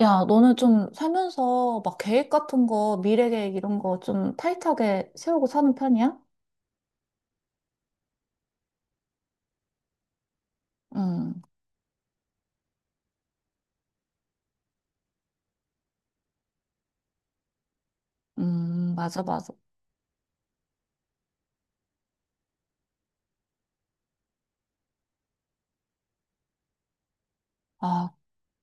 야, 너는 좀 살면서 막 계획 같은 거, 미래 계획 이런 거 좀 타이트하게 세우고 사는 편이야? 음, 맞아, 맞아. 아,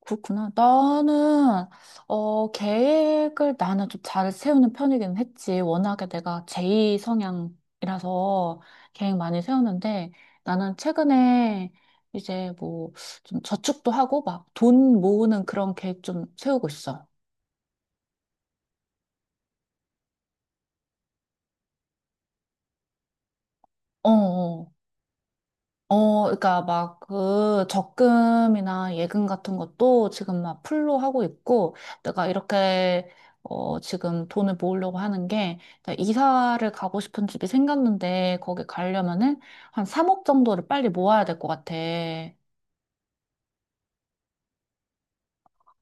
그렇구나. 나는, 계획을 나는 좀 잘 세우는 편이긴 했지. 워낙에 내가 제2 성향이라서 계획 많이 세우는데 나는 최근에 이제 뭐 좀 저축도 하고 막 돈 모으는 그런 계획 좀 세우고 있어. 어, 어. 그러니까 막 그 적금이나 예금 같은 것도 지금 막 풀로 하고 있고 내가 이렇게 지금 돈을 모으려고 하는 게 나 이사를 가고 싶은 집이 생겼는데 거기 가려면은 한 3억 정도를 빨리 모아야 될 것 같아.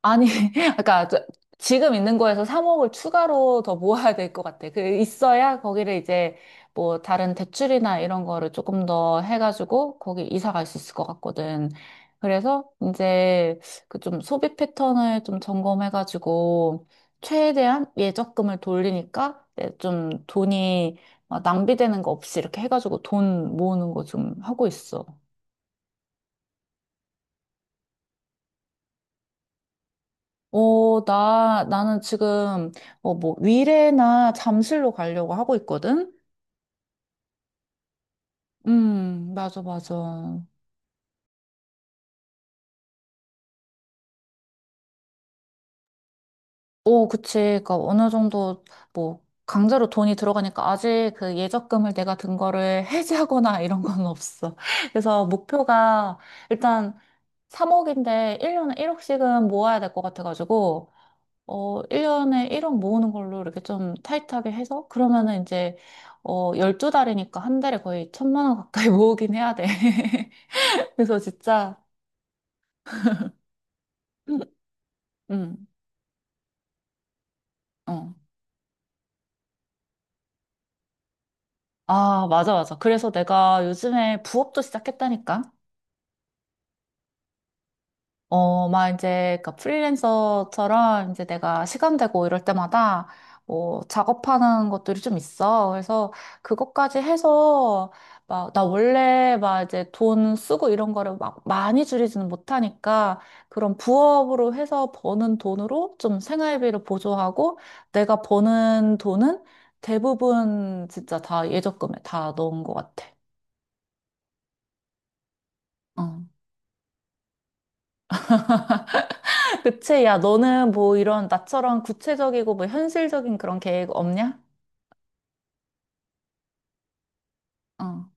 아니, 그러니까 지금 있는 거에서 3억을 추가로 더 모아야 될 것 같아. 그 있어야 거기를 이제 뭐 다른 대출이나 이런 거를 조금 더 해가지고 거기 이사 갈 수 있을 것 같거든. 그래서 이제 그 좀 소비 패턴을 좀 점검해가지고 최대한 예적금을 돌리니까 이제 좀 돈이 막 낭비되는 거 없이 이렇게 해가지고 돈 모으는 거 좀 하고 있어. 나는 지금, 위례나 잠실로 가려고 하고 있거든? 맞아, 맞아. 오, 그치. 그러니까 어느 정도, 뭐, 강제로 돈이 들어가니까 아직 그 예적금을 내가 든 거를 해지하거나 이런 건 없어. 그래서 목표가 일단 3억인데 1년에 1억씩은 모아야 될 것 같아가지고, 1년에 1억 모으는 걸로 이렇게 좀 타이트하게 해서, 그러면은 이제, 12달이니까 한 달에 거의 1,000만 원 가까이 모으긴 해야 돼. 그래서 진짜, 응, 어. 아, 맞아, 맞아. 그래서 내가 요즘에 부업도 시작했다니까? 막 이제, 그 프리랜서처럼 이제 내가 시간 되고 이럴 때마다 뭐 작업하는 것들이 좀 있어. 그래서 그것까지 해서 막, 나 원래 막 이제 돈 쓰고 이런 거를 막 많이 줄이지는 못하니까 그런 부업으로 해서 버는 돈으로 좀 생활비를 보조하고 내가 버는 돈은 대부분 진짜 다 예적금에 다 넣은 것 같아. 응. 그치? 야, 너는 뭐 이런 나처럼 구체적이고 뭐 현실적인 그런 계획 없냐? 어,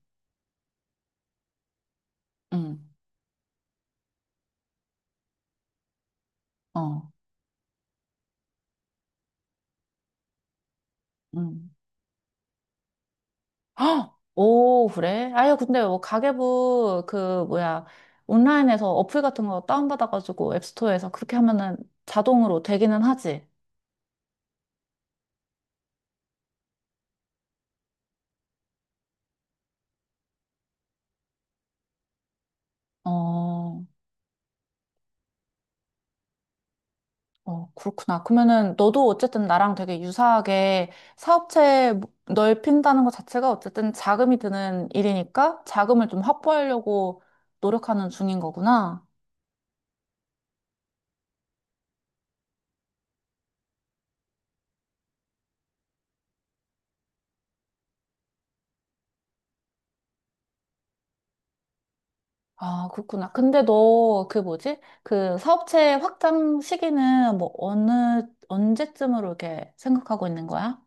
응, 어, 응. 헉! 오, 그래? 아유, 근데 뭐 가계부 그 뭐야 온라인에서 어플 같은 거 다운받아가지고 앱스토어에서 그렇게 하면은 자동으로 되기는 하지. 어, 어, 그렇구나. 그러면은 너도 어쨌든 나랑 되게 유사하게 사업체 뭐 넓힌다는 것 자체가 어쨌든 자금이 드는 일이니까 자금을 좀 확보하려고 노력하는 중인 거구나. 아, 그렇구나. 근데 너 그 뭐지? 그 사업체 확장 시기는 뭐 언제쯤으로 이렇게 생각하고 있는 거야?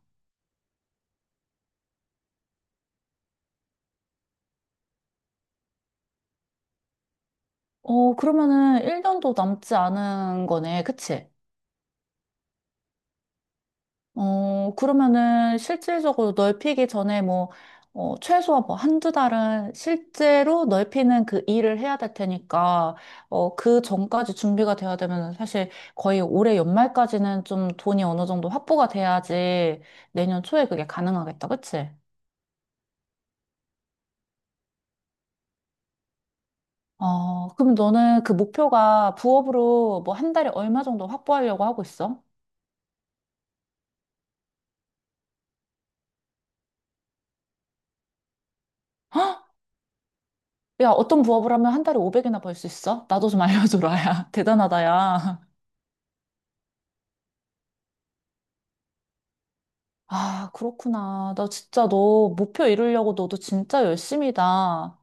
그러면은 1년도 남지 않은 거네. 그치? 그러면은 실질적으로 넓히기 전에 뭐, 최소한 뭐 한두 달은 실제로 넓히는 그 일을 해야 될 테니까, 그 전까지 준비가 돼야 되면 사실 거의 올해 연말까지는 좀 돈이 어느 정도 확보가 돼야지 내년 초에 그게 가능하겠다. 그치? 그럼 너는 그 목표가 부업으로 뭐 한 달에 얼마 정도 확보하려고 하고 있어? 야, 어떤 부업을 하면 한 달에 500이나 벌 수 있어? 나도 좀 알려줘라, 야. 대단하다, 야. 아, 그렇구나. 나 진짜 너 목표 이루려고 너도 진짜 열심이다.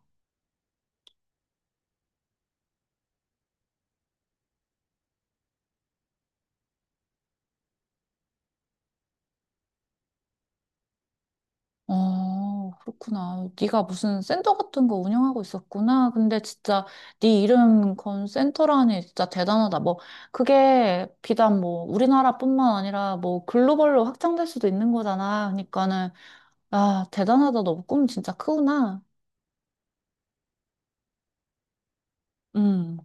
그렇구나. 네가 무슨 센터 같은 거 운영하고 있었구나. 근데 진짜 네 이름 건 센터라니 진짜 대단하다. 뭐 그게 비단 뭐 우리나라뿐만 아니라 뭐 글로벌로 확장될 수도 있는 거잖아. 그러니까는 아, 대단하다. 너 꿈 진짜 크구나. 음.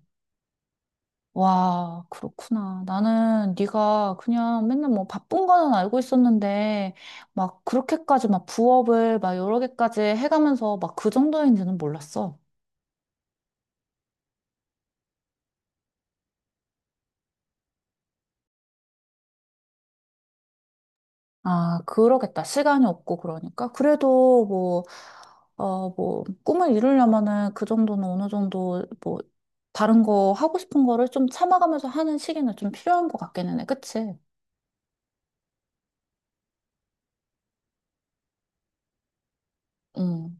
와, 그렇구나. 나는 네가 그냥 맨날 뭐 바쁜 거는 알고 있었는데 막 그렇게까지 막 부업을 막 여러 개까지 해가면서 막 그 정도인지는 몰랐어. 아, 그러겠다. 시간이 없고 그러니까. 그래도 뭐, 뭐, 꿈을 이루려면은 그 정도는 어느 정도 뭐, 다른 거 하고 싶은 거를 좀 참아가면서 하는 시기는 좀 필요한 것 같기는 해. 그치? 응.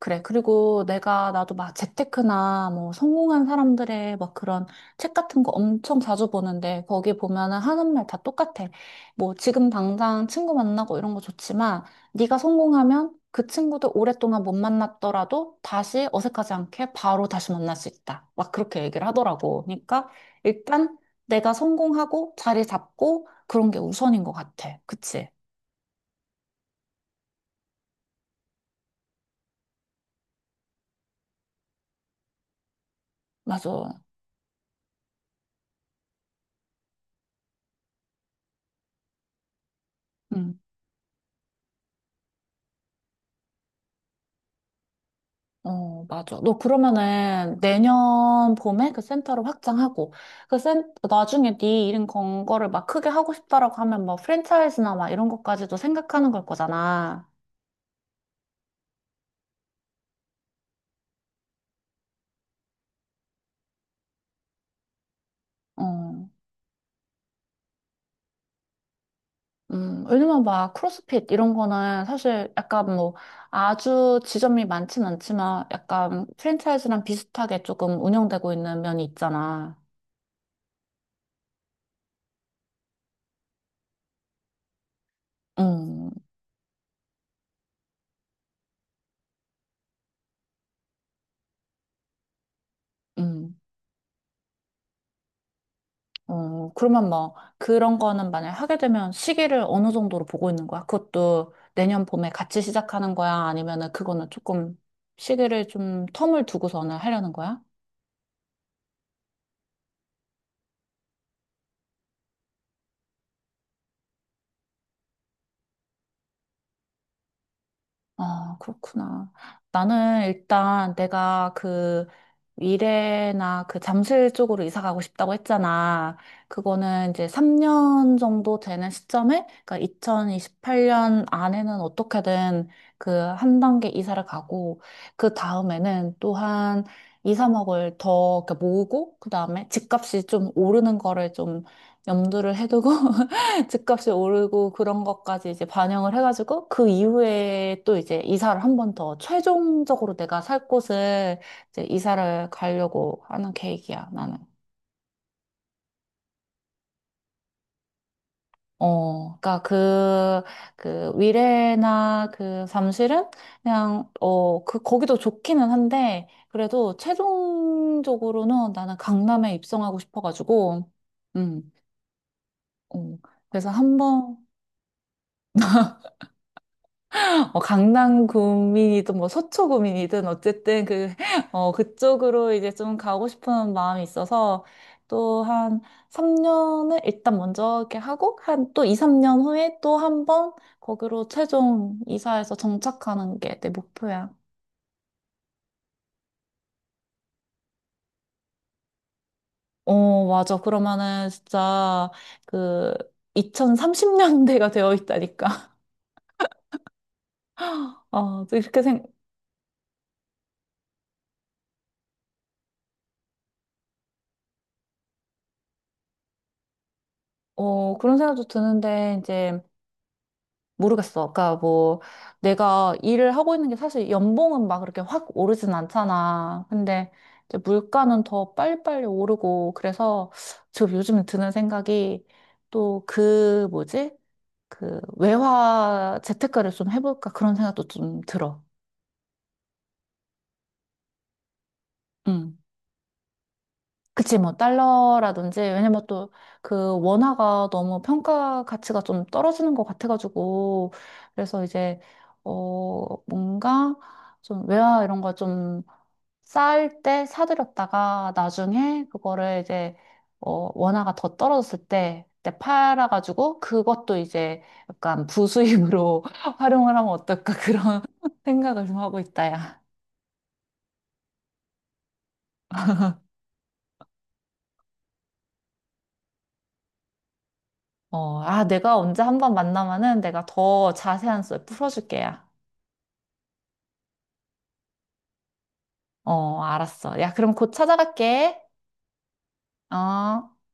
그래. 그리고 나도 막 재테크나 뭐 성공한 사람들의 막 그런 책 같은 거 엄청 자주 보는데 거기 보면은 하는 말 다 똑같아. 뭐 지금 당장 친구 만나고 이런 거 좋지만 네가 성공하면 그 친구도 오랫동안 못 만났더라도 다시 어색하지 않게 바로 다시 만날 수 있다. 막 그렇게 얘기를 하더라고. 그러니까 일단 내가 성공하고 자리 잡고 그런 게 우선인 것 같아. 그치? 맞아. 응. 맞아. 너 그러면은 내년 봄에 그 센터를 확장하고, 나중에 네 이런 건 거를 막 크게 하고 싶다라고 하면 뭐 프랜차이즈나 막 이런 것까지도 생각하는 걸 거잖아. 어, 왜냐면 막 크로스핏 이런 거는 사실 약간 뭐 아주 지점이 많진 않지만 약간 프랜차이즈랑 비슷하게 조금 운영되고 있는 면이 있잖아. 음, 음. 그러면 뭐, 그런 거는 만약에 하게 되면 시기를 어느 정도로 보고 있는 거야? 그것도 내년 봄에 같이 시작하는 거야? 아니면은 그거는 조금 시기를 좀 텀을 두고서는 하려는 거야? 아, 그렇구나. 나는 일단 내가 그 미래나 그 잠실 쪽으로 이사 가고 싶다고 했잖아. 그거는 이제 3년 정도 되는 시점에, 그러니까 2028년 안에는 어떻게든 그 한 단계 이사를 가고, 그 다음에는 또한 2, 3억을 더 이렇게 모으고, 그 다음에 집값이 좀 오르는 거를 좀 염두를 해두고, 집값이 오르고 그런 것까지 이제 반영을 해가지고 그 이후에 또 이제 이사를 한번 더 최종적으로 내가 살 곳을 이제 이사를 가려고 하는 계획이야, 나는. 그러니까 그, 위례나 그 잠실은 그냥 그 거기도 좋기는 한데 그래도 최종적으로는 나는 강남에 입성하고 싶어가지고 음, 어, 그래서 한번 강남 구민이든 뭐 서초 구민이든 어쨌든 그, 그쪽으로 이제 좀 가고 싶은 마음이 있어서 또 한 3년을 일단 먼저 이렇게 하고 한 또 2, 3년 후에 또 한번 거기로 최종 이사해서 정착하는 게 내 목표야. 맞아. 그러면은 진짜 그 2030년대가 되어 있다니까. 어, 또 이렇게 생, 어, 그런 생각도 드는데, 이제 모르겠어. 그러니까 뭐 내가 일을 하고 있는 게 사실 연봉은 막 그렇게 확 오르진 않잖아. 근데 이제 물가는 더 빨리빨리 오르고 그래서 지금 요즘 드는 생각이 또 그 뭐지? 그 외화 재테크를 좀 해볼까 그런 생각도 좀 들어. 응. 그치, 뭐, 달러라든지, 왜냐면 또, 그, 원화가 너무 평가 가치가 좀 떨어지는 것 같아가지고, 그래서 이제, 뭔가, 좀, 외화 이런 거 좀, 쌓을 때 사들였다가, 나중에 그거를 이제, 원화가 더 떨어졌을 때, 그때 팔아가지고, 그것도 이제, 약간 부수입으로 활용을 하면 어떨까, 그런 생각을 좀 하고 있다, 야. 내가 언제 한번 만나면은 내가 더 자세한 썰 풀어줄게야. 알았어. 야, 그럼 곧 찾아갈게. 어.